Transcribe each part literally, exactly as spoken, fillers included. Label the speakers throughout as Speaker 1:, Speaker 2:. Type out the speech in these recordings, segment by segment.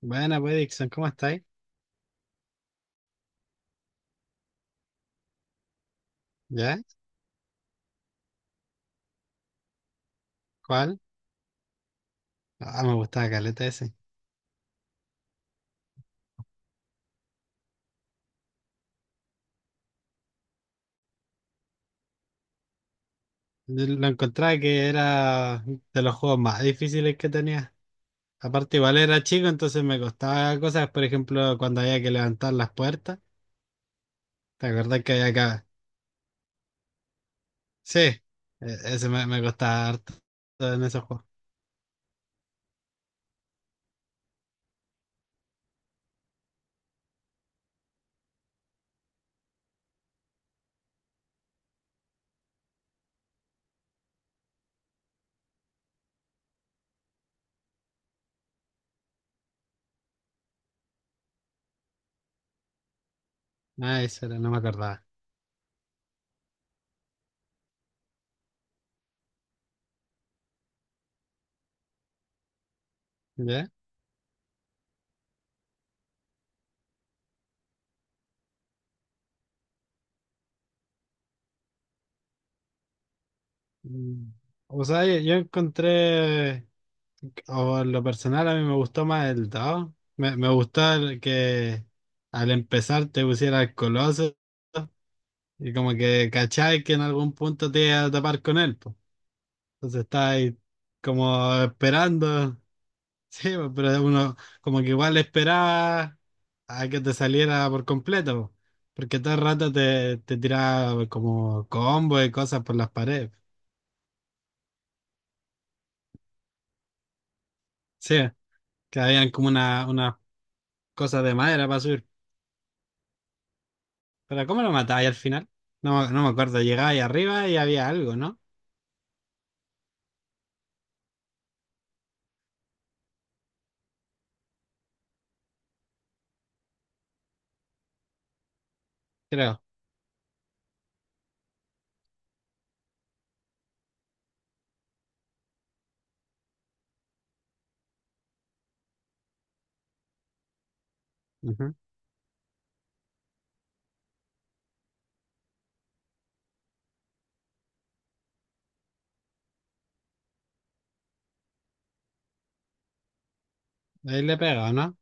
Speaker 1: Buena, pues, Dixon, ¿cómo estáis? ¿Ya? ¿Cuál? Ah, me gustaba Caleta ese. Yo lo encontraba que era de los juegos más difíciles que tenía. Aparte, igual era chico, entonces me costaba cosas, por ejemplo, cuando había que levantar las puertas. ¿Te acordás que había acá? Sí, e- ese me, me costaba harto en esos juegos. Ah, eso era, no me acordaba. ¿Ya? Mm. O sea, yo yo encontré. O en lo personal a mí me gustó más el Dao. Me, me gustó el que al empezar te pusiera el Colosio y como que cachai que en algún punto te iba a tapar con él, po. Entonces estás ahí como esperando. Sí, po, pero uno como que igual esperaba a que te saliera por completo, po, porque todo el rato te, te tiraba como combo y cosas por las paredes. Sí, que habían como una, unas cosas de madera para subir. Pero ¿cómo lo matáis al final? No, me- no me acuerdo, llegáis arriba y había algo, ¿no? Creo. Ujú. Ahí le pegaba, ¿no?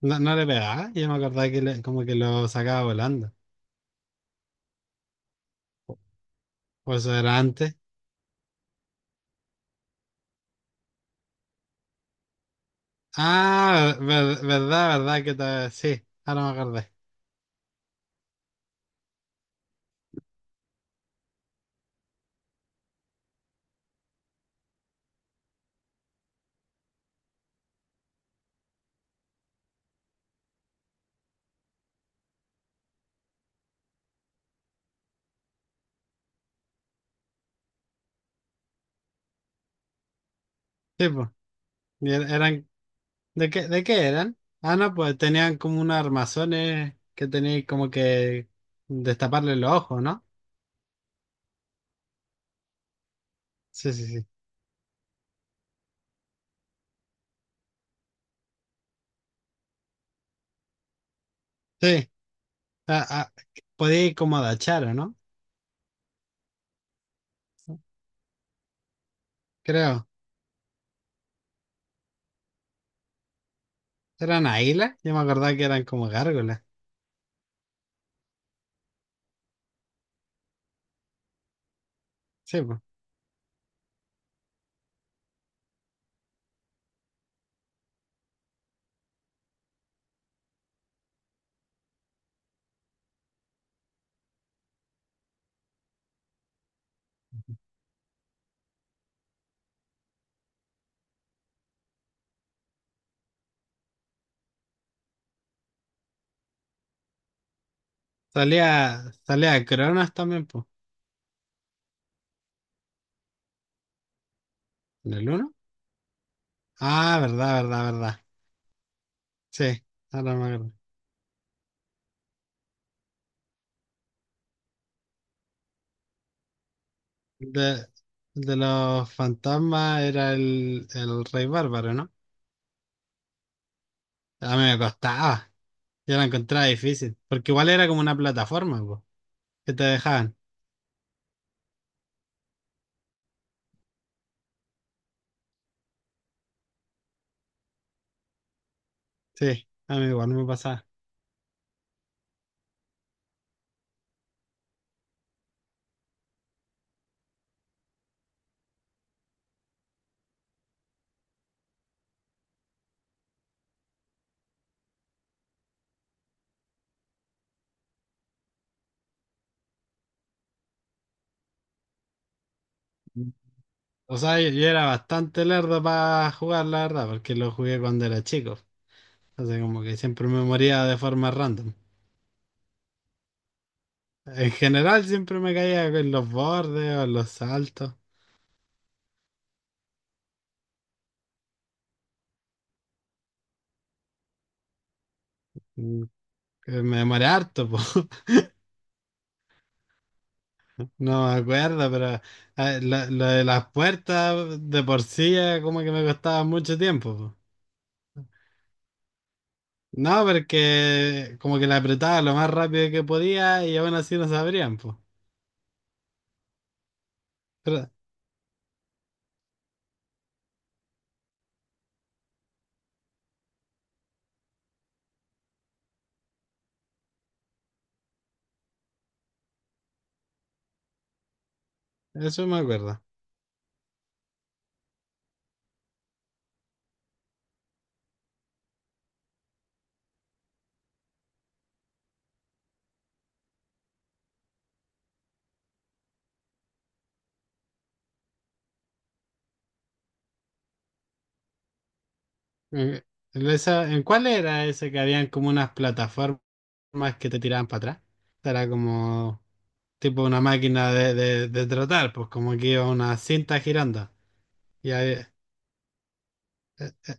Speaker 1: No, no le pegaba, yo me acordaba que le- como que lo sacaba volando. Por eso era antes. Ah, ver- verdad, verdad que te- sí, ahora me acordé. Sí, pues. Y er- eran, ¿de qué, de qué eran? Ah, no, pues tenían como unos armazones que tenían como que destaparle los ojos, ¿no? Sí, sí, sí. Sí, ah, ah, podía ir como agachar, ¿o no? Creo. ¿Eran águilas? Yo me acordaba que eran como gárgolas. Sí, pues. Salía, salía Cronos también, pues. ¿En el uno? Ah, verdad, verdad, verdad. Sí, ahora me acuerdo. De, de los fantasmas era el, el rey bárbaro, ¿no? A mí me costaba. Yo la encontraba difícil. Porque igual era como una plataforma, pues, que te dejaban. Sí, a mí igual me pasaba. O sea, yo, yo era bastante lerdo para jugar, la verdad, porque lo jugué cuando era chico. Así como que siempre me moría de forma random. En general siempre me caía en los bordes o en los saltos. Mm, que me demoré harto, po. No me acuerdo, pero eh, lo, lo de las puertas de por sí eh, como que me costaba mucho tiempo, po. No, porque como que la apretaba lo más rápido que podía y aún así no se abrían, po. Pero eso me acuerdo. Eh, esa, ¿en cuál era ese que habían como unas plataformas que te tiraban para atrás? Era como tipo una máquina de, de, de trotar, pues como que iba una cinta girando. Y ahí, eh, eh,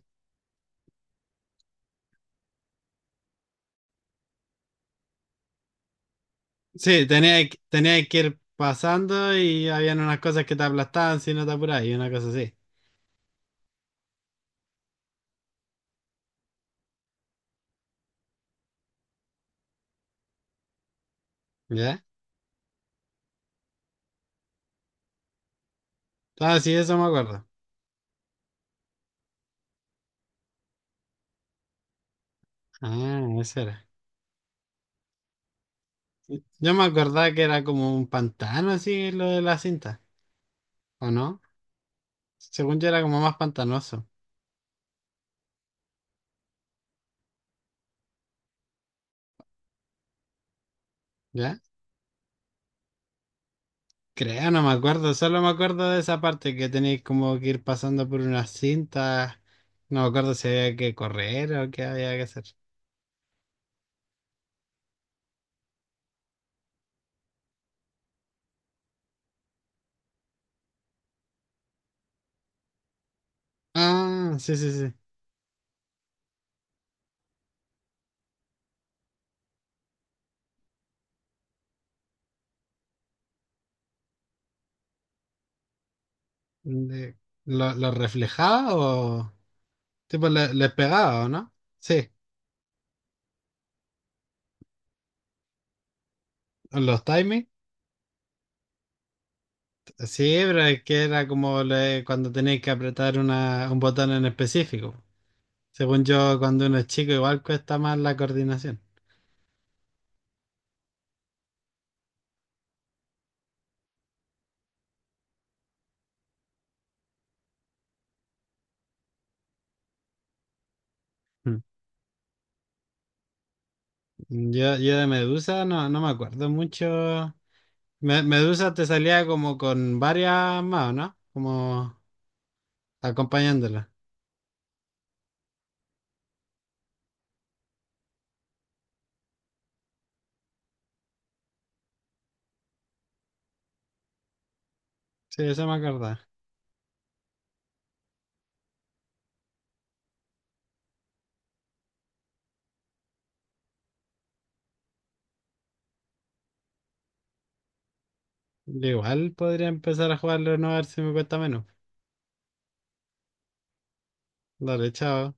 Speaker 1: sí, tenía, que tenía que ir pasando y habían unas cosas que te aplastaban si no te apurabas y una cosa así. ¿Ya? Ah, sí, eso me acuerdo. Ah, eso era. Yo me acordaba que era como un pantano así lo de la cinta, ¿o no? Según yo era como más pantanoso. ¿Ya? Creo, no me acuerdo, solo me acuerdo de esa parte que tenéis como que ir pasando por una cinta. No me acuerdo si había que correr o qué había que hacer. Ah, sí, sí, sí. De, ¿Lo, lo reflejaba o tipo le- les pegaba o no? Sí, los timings. Sí, pero es que era como le, cuando tenéis que apretar una, un botón en específico. Según yo, cuando uno es chico, igual cuesta más la coordinación. Mm. Yo, yo de Medusa no, no me acuerdo mucho. Me- Medusa te salía como con varias más, ¿no? Como acompañándola. Sí, eso me acordaba. Igual podría empezar a jugarlo no a ver si me cuesta menos. Dale, chao.